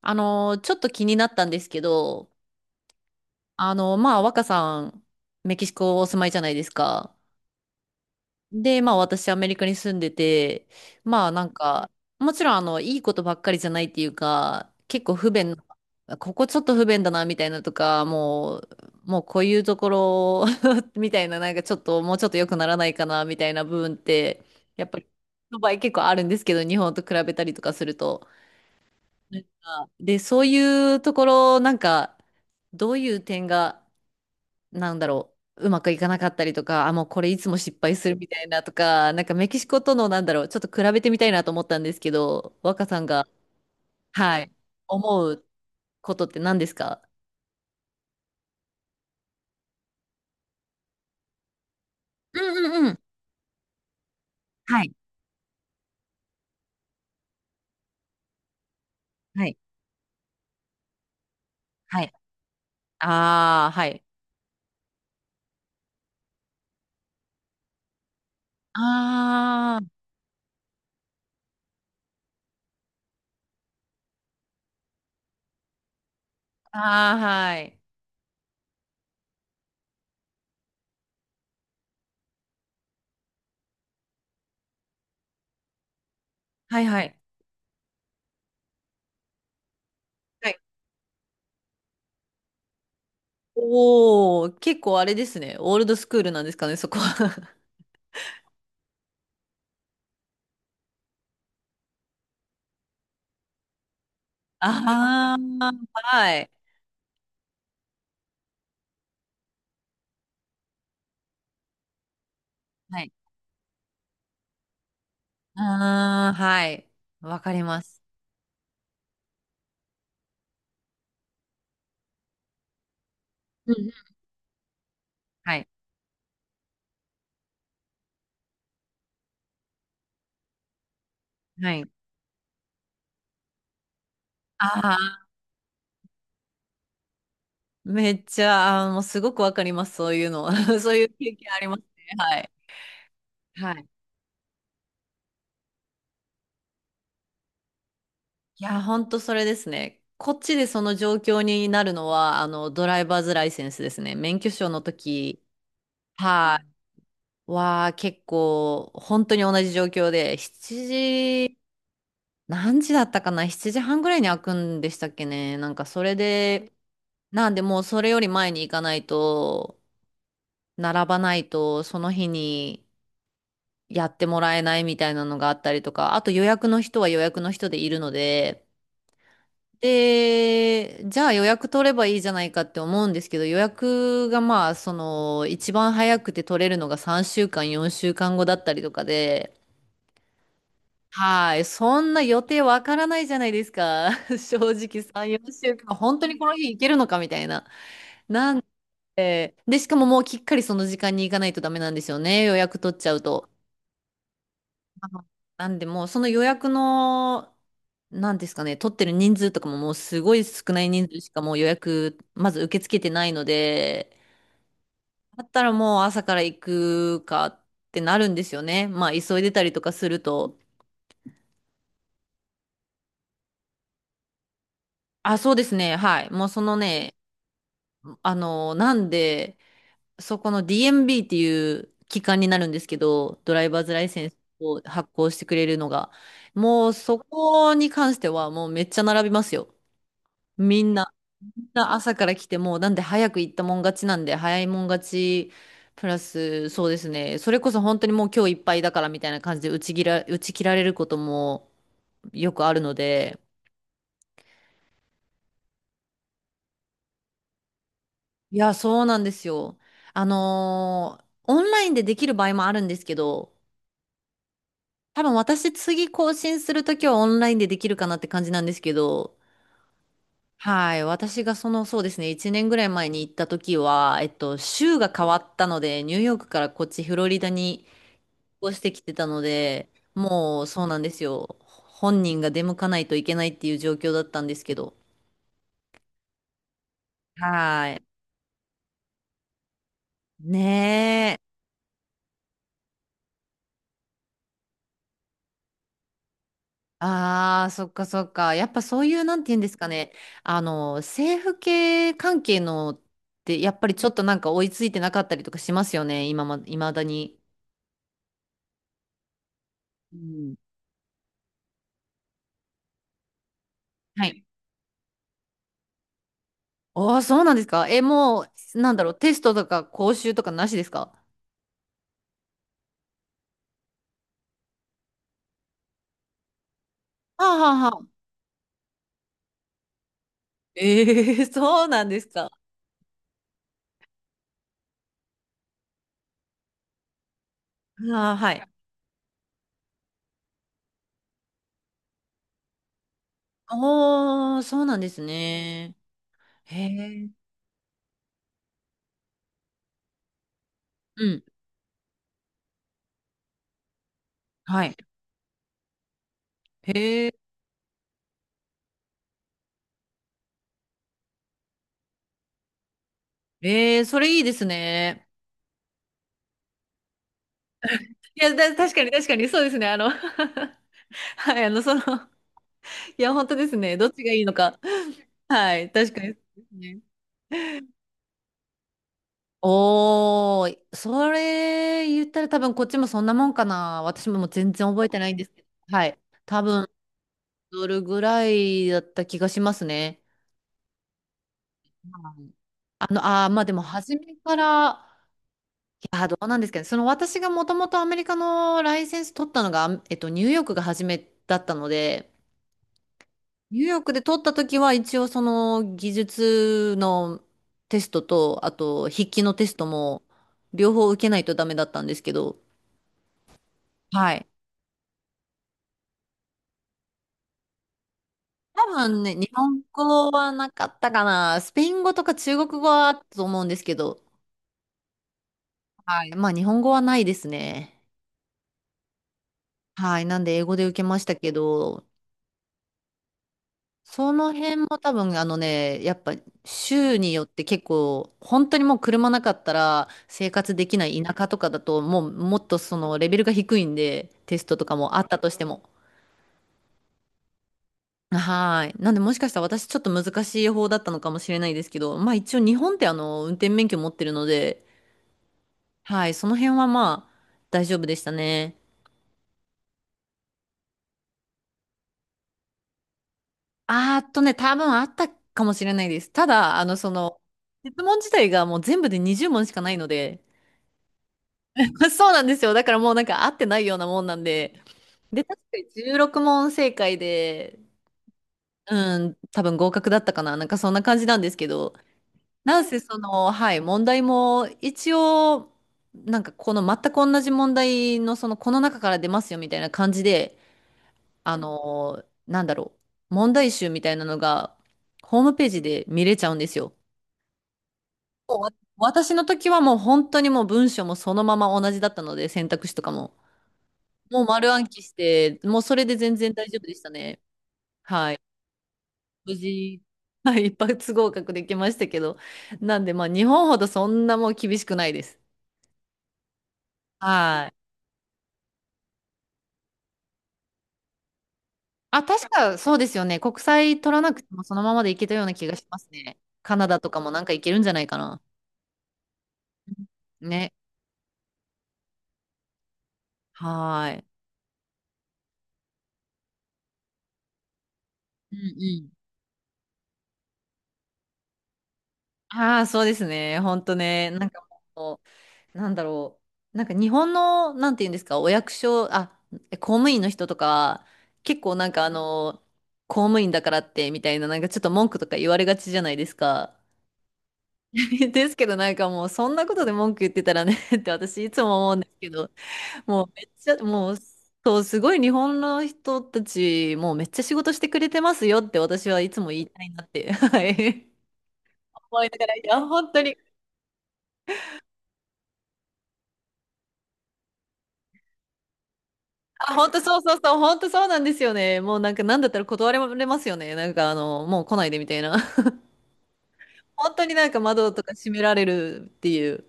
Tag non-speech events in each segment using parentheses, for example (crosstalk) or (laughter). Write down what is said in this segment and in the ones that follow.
ちょっと気になったんですけど、まあ、若さん、メキシコお住まいじゃないですか。で、まあ、私、アメリカに住んでて、まあ、なんか、もちろん、いいことばっかりじゃないっていうか、結構不便な、ここちょっと不便だな、みたいなとか、もうこういうところ (laughs) みたいな、なんかちょっと、もうちょっと良くならないかな、みたいな部分って、やっぱり、の場合結構あるんですけど、日本と比べたりとかすると。なんかで、そういうところ、なんか、どういう点が、なんだろう、うまくいかなかったりとか、あ、もうこれいつも失敗するみたいなとか、なんかメキシコとの、なんだろう、ちょっと比べてみたいなと思ったんですけど、若さんが、はい、思うことって何ですか？うんうんうん。はい、はい、はい。ああ、はい。ああ、ああ、はい。はいはい。はい。おお、結構あれですね。オールドスクールなんですかね、そこは。(laughs) ああ、はい。はい。ああ、はい。わかります。うんうん。はい。はい。ああ、めっちゃ、あーもうすごくわかります。そういうの。(laughs) そういう経験ありますね。はい。はい。いや、ほんとそれですね。こっちでその状況になるのは、ドライバーズライセンスですね。免許証の時、はい。結構、本当に同じ状況で、7時、何時だったかな？ 7 時半ぐらいに開くんでしたっけね。なんか、それで、なんでもうそれより前に行かないと、並ばないと、その日にやってもらえないみたいなのがあったりとか、あと予約の人は予約の人でいるので、で、じゃあ予約取ればいいじゃないかって思うんですけど、予約がまあ、その、一番早くて取れるのが3週間、4週間後だったりとかで、はい、そんな予定わからないじゃないですか。(laughs) 正直3、4週間、本当にこの日行けるのかみたいな。なんで、で、しかも、もうきっかりその時間に行かないとダメなんですよね。予約取っちゃうと。あのなんでもうその予約の、なんですかね、取ってる人数とかももうすごい少ない人数しかもう予約、まず受け付けてないので、だったらもう朝から行くかってなるんですよね。まあ急いでたりとかすると。あ、そうですね。はい。もうそのね、なんで、そこの DMB っていう機関になるんですけど、ドライバーズライセンスを発行してくれるのが、もうそこに関してはもうめっちゃ並びますよ。みんな、みんな朝から来てもうなんで早く行ったもん勝ちなんで、早いもん勝ち、プラスそうですね、それこそ本当にもう今日いっぱいだからみたいな感じで打ち切られることもよくあるので、いや、そうなんですよ。オンラインでできる場合もあるんですけど、多分私次更新するときはオンラインでできるかなって感じなんですけど、はい。私がその、そうですね。1年ぐらい前に行ったときは、州が変わったので、ニューヨークからこっちフロリダに越してきてたので、もうそうなんですよ。本人が出向かないといけないっていう状況だったんですけど。はい。ね、ああ、そっかそっか。やっぱそういう、なんて言うんですかね。政府系関係のって、やっぱりちょっとなんか追いついてなかったりとかしますよね。未だに。うん、はい。ああ、そうなんですか。え、もう、なんだろう、テストとか講習とかなしですか？はあはあはあ。(laughs) ええそうなんですか。ああ、はい。おー、そうなんですね。へえ。うん。はい。へえ。ええそれいいですね。いや、確かに確かに、そうですね。(laughs) はい、その、いや、本当ですね。どっちがいいのか。はい、確かにそうですね。おー、それ言ったら多分こっちもそんなもんかな。私ももう全然覚えてないんですけど。はい。多分、どれぐらいだった気がしますね。はい。まあでも初めから、いやー、どうなんですかね。その私がもともとアメリカのライセンス取ったのが、ニューヨークが初めだったので、ニューヨークで取った時は一応その技術のテストと、あと筆記のテストも両方受けないとダメだったんですけど、はい。多分ね、日本語はなかったかな。スペイン語とか中国語はあったと思うんですけど、はい。まあ日本語はないですね。はい。なんで英語で受けましたけど、その辺も多分ね、やっぱ州によって結構、本当にもう車なかったら生活できない田舎とかだと、もうもっとそのレベルが低いんで、テストとかもあったとしても。はい。なんでもしかしたら私ちょっと難しい方だったのかもしれないですけど、まあ一応日本って運転免許持ってるので、はい、その辺はまあ大丈夫でしたね。あーっとね、多分あったかもしれないです。ただ、その、質問自体がもう全部で20問しかないので、(laughs) そうなんですよ。だからもうなんか合ってないようなもんなんで。で、確かに16問正解で、うん、多分合格だったかな。なんかそんな感じなんですけど、なんせその、はい、問題も一応、なんかこの全く同じ問題のその、この中から出ますよみたいな感じで、なんだろう、問題集みたいなのが、ホームページで見れちゃうんですよ。私の時はもう本当にもう文章もそのまま同じだったので、選択肢とかも。もう丸暗記して、もうそれで全然大丈夫でしたね。はい。無事、(laughs) はい、一発合格できましたけど。なんで、まあ、日本ほどそんなもう厳しくないです。はい。あ、確かそうですよね。国際取らなくてもそのままでいけたような気がしますね。カナダとかもなんかいけるんじゃないかな。ね。はい。うんうん。ああ、そうですね。ほんとね。なんかもうなんだろう。なんか日本の、なんて言うんですか、お役所、あ、公務員の人とかは、結構なんか公務員だからってみたいな、なんかちょっと文句とか言われがちじゃないですか。(laughs) ですけどなんかもうそんなことで文句言ってたらね (laughs) って私いつも思うんですけど、もうめっちゃ、もう、そう、すごい日本の人たち、もうめっちゃ仕事してくれてますよって私はいつも言いたいなって、はい。思いながら、いや、本当に、あ、本当そうそうそう、本当そうなんですよね。もうなんか、なんだったら断られますよね。なんか、もう来ないでみたいな。(laughs) 本当になんか窓とか閉められるっていう。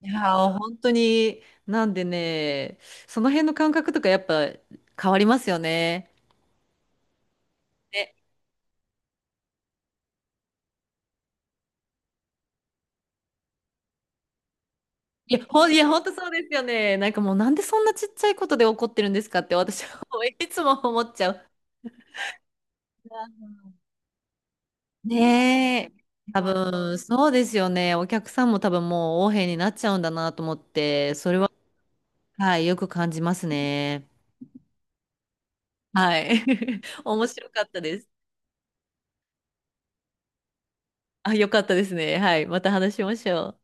いやー、本当に、なんでね、その辺の感覚とかやっぱ変わりますよね。ね、いや、いや、本当そうですよね。なんかもう、なんでそんなちっちゃいことで怒ってるんですかって私は (laughs) いつも思っちゃう。(laughs) ねえ。多分、そうですよね。お客さんも多分もう横柄になっちゃうんだなと思って、それは、はい、よく感じますね。はい。(laughs) 面白かったです。あ、よかったですね。はい。また話しましょう。